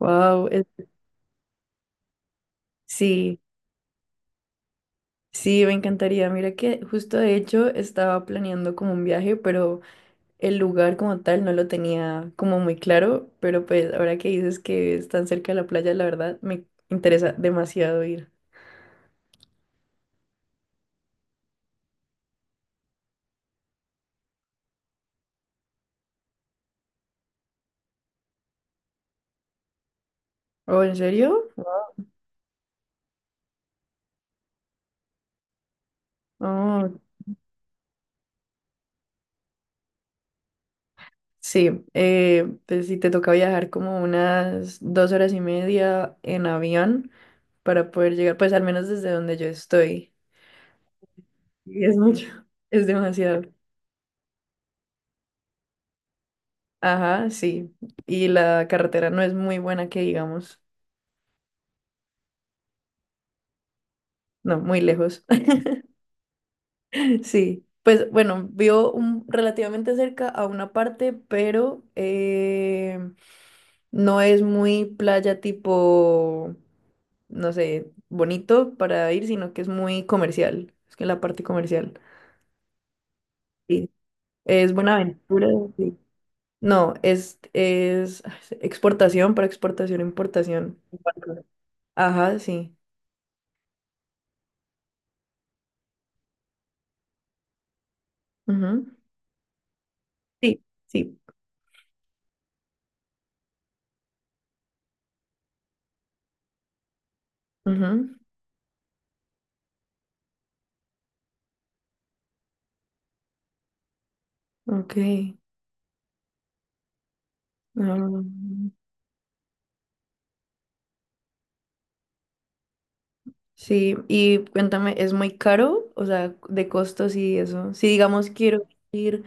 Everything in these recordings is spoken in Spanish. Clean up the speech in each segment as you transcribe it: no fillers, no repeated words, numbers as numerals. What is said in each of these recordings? Wow, sí, sí, me encantaría. Mira que justo de hecho estaba planeando como un viaje, pero el lugar como tal no lo tenía como muy claro, pero pues ahora que dices que es tan cerca de la playa, la verdad me interesa demasiado ir. ¿Oh, en serio? Oh, sí, pues si te toca viajar como unas 2 horas y media en avión para poder llegar, pues al menos desde donde yo estoy. Y es mucho, es demasiado. Ajá, sí. Y la carretera no es muy buena que digamos. No, muy lejos. Sí. Pues bueno, vio un, relativamente cerca a una parte, pero no es muy playa tipo, no sé, bonito para ir, sino que es muy comercial. Es que la parte comercial. Sí. Es Buenaventura, sí. No, es exportación para exportación, importación. Barco. Ajá, sí. Ujú. Sí, sí. Ujú. Ok. Mm, sí, y cuéntame, ¿es muy caro? O sea, de costos y eso. Si digamos quiero ir,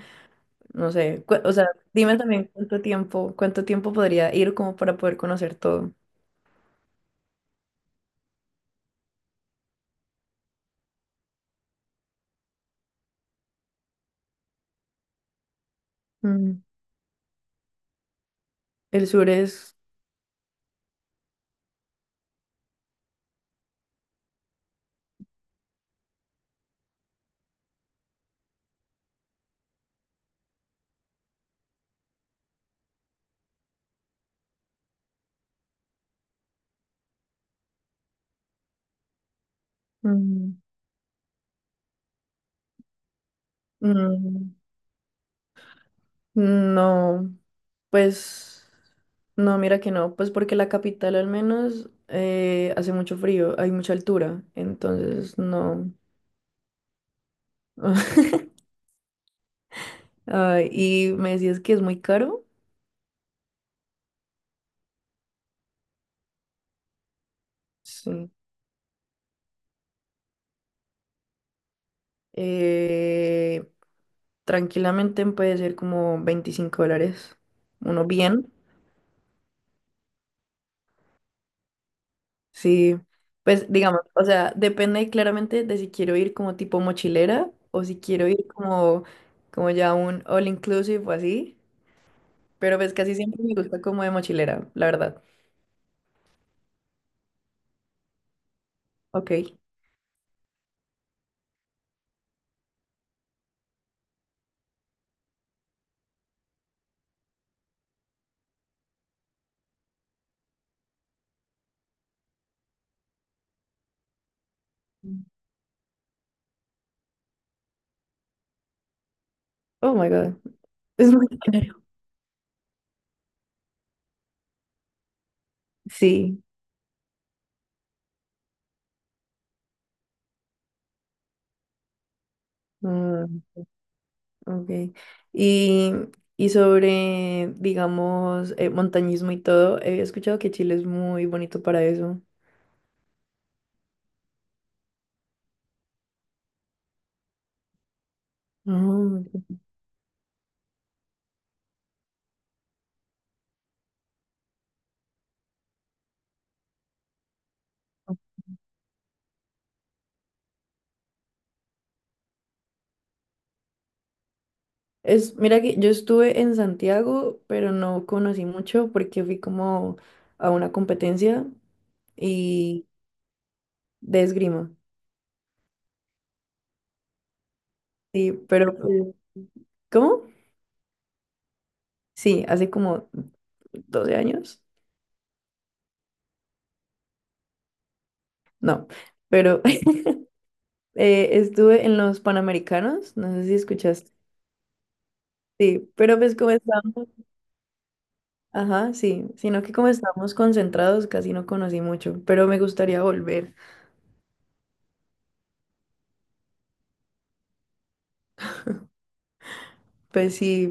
no sé, o sea, dime también cuánto tiempo podría ir como para poder conocer todo. Mm, el sur es... Mm, mm, no, pues... No, mira que no, pues porque la capital al menos hace mucho frío, hay mucha altura, entonces no. Ah, y me decías que es muy caro. Sí. Eh, tranquilamente puede ser como 25 dólares. Uno bien, sí. Pues digamos, o sea, depende claramente de si quiero ir como tipo mochilera o si quiero ir como, como ya un all inclusive o así. Pero pues casi siempre me gusta como de mochilera, la verdad. Ok. Oh my God. Es muy caro. Sí. Mm. Ok. Y, y sobre, digamos, montañismo y todo, he escuchado que Chile es muy bonito para eso. Ah, ok. Es, mira que yo estuve en Santiago, pero no conocí mucho porque fui como a una competencia y de esgrima. Sí, pero pues, ¿cómo? Sí, hace como 12 años. No, pero estuve en los Panamericanos, no sé si escuchaste. Sí, pero pues como estábamos. Ajá, sí, sino que como estamos concentrados casi no conocí mucho, pero me gustaría volver. Pues sí,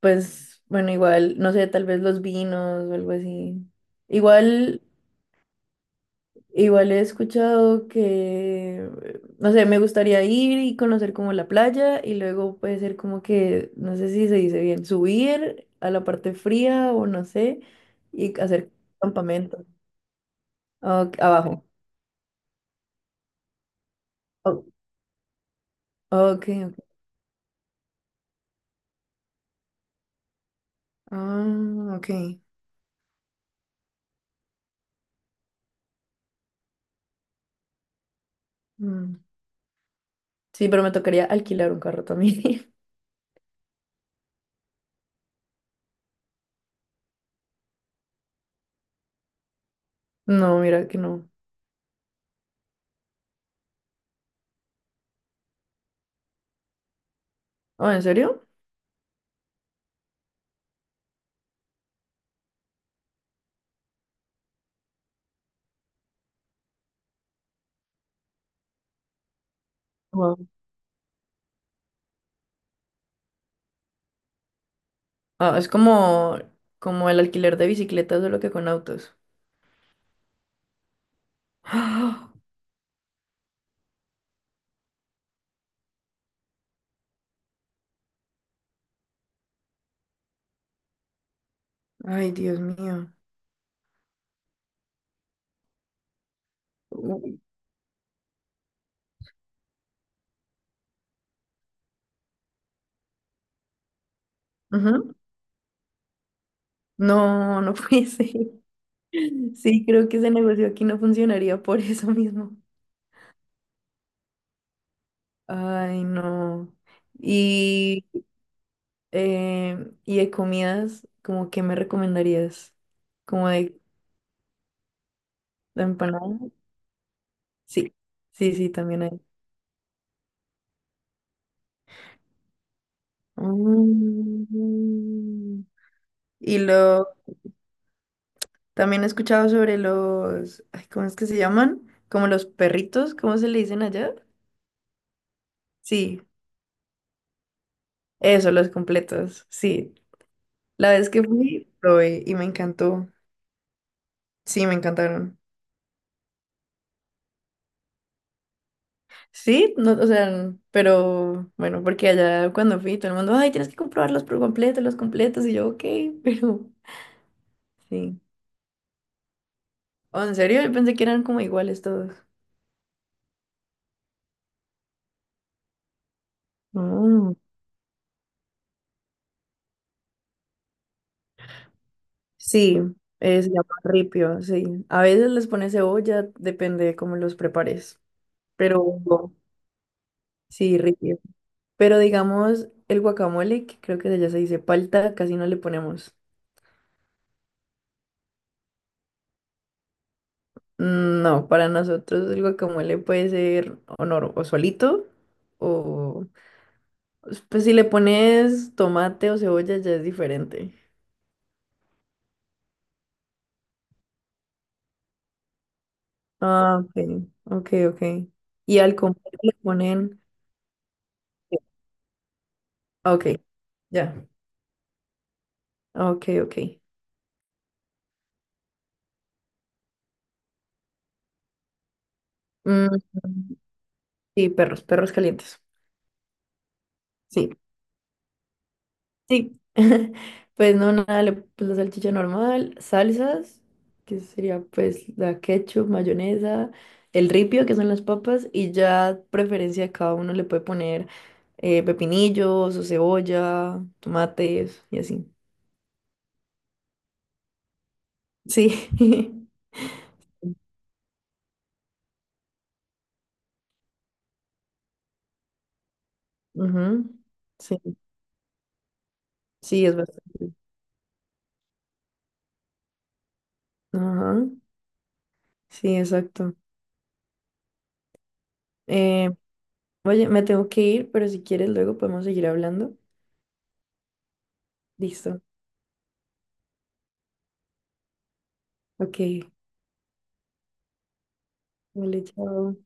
pues bueno, igual, no sé, tal vez los vinos o algo así. Igual, igual he escuchado que, no sé, me gustaría ir y conocer como la playa y luego puede ser como que, no sé si se dice bien, subir a la parte fría o no sé, y hacer campamento. Ok, abajo. Oh, ok, ok. Ah, ok. Mm. Sí, pero me tocaría alquilar un carro también. No, mira que no. Ah, ¿en serio? Wow. Ah, es como, como el alquiler de bicicletas, solo que con autos. ¡Ah! Ay, Dios mío. Uy. Ujú. No, no puede ser. Sí, creo que ese negocio aquí no funcionaría por eso mismo. Ay, no. Y, y de comidas, ¿como qué me recomendarías? ¿Como de empanada? Sí, sí, sí, también hay. Mm. Y lo también he escuchado sobre los, ay, ¿cómo es que se llaman? Como los perritos, ¿cómo se le dicen allá? Sí, eso, los completos. Sí. La vez que fui, probé y me encantó. Sí, me encantaron. Sí, no, o sea, pero bueno, porque allá cuando fui, todo el mundo, ay, tienes que comprobarlos por completo, los completos. Y yo, ok, pero sí. Oh, ¿en serio? Yo pensé que eran como iguales todos. Mm. Sí, se llama ripio, sí. A veces les pones cebolla, depende de cómo los prepares. Pero sí, ripio. Pero digamos, el guacamole, que creo que ya se dice palta, casi no le ponemos. No, para nosotros el guacamole puede ser o, o solito, o pues si le pones tomate o cebolla ya es diferente. Ah, ok, ok, ok. Y al comer le ponen... Ok, ya. Ok, ok. Mm. Sí, perros, perros calientes. Sí, sí. Pues no, nada, pues la salchicha normal, salsas, que sería pues la ketchup, mayonesa, el ripio, que son las papas, y ya preferencia de cada uno le puede poner pepinillos o cebolla, tomates y así. Sí. Ujú. Sí, sí, es bastante. Ajá, sí, exacto. Eh, oye, me tengo que ir, pero si quieres luego podemos seguir hablando. Listo. Ok. Vale, chao.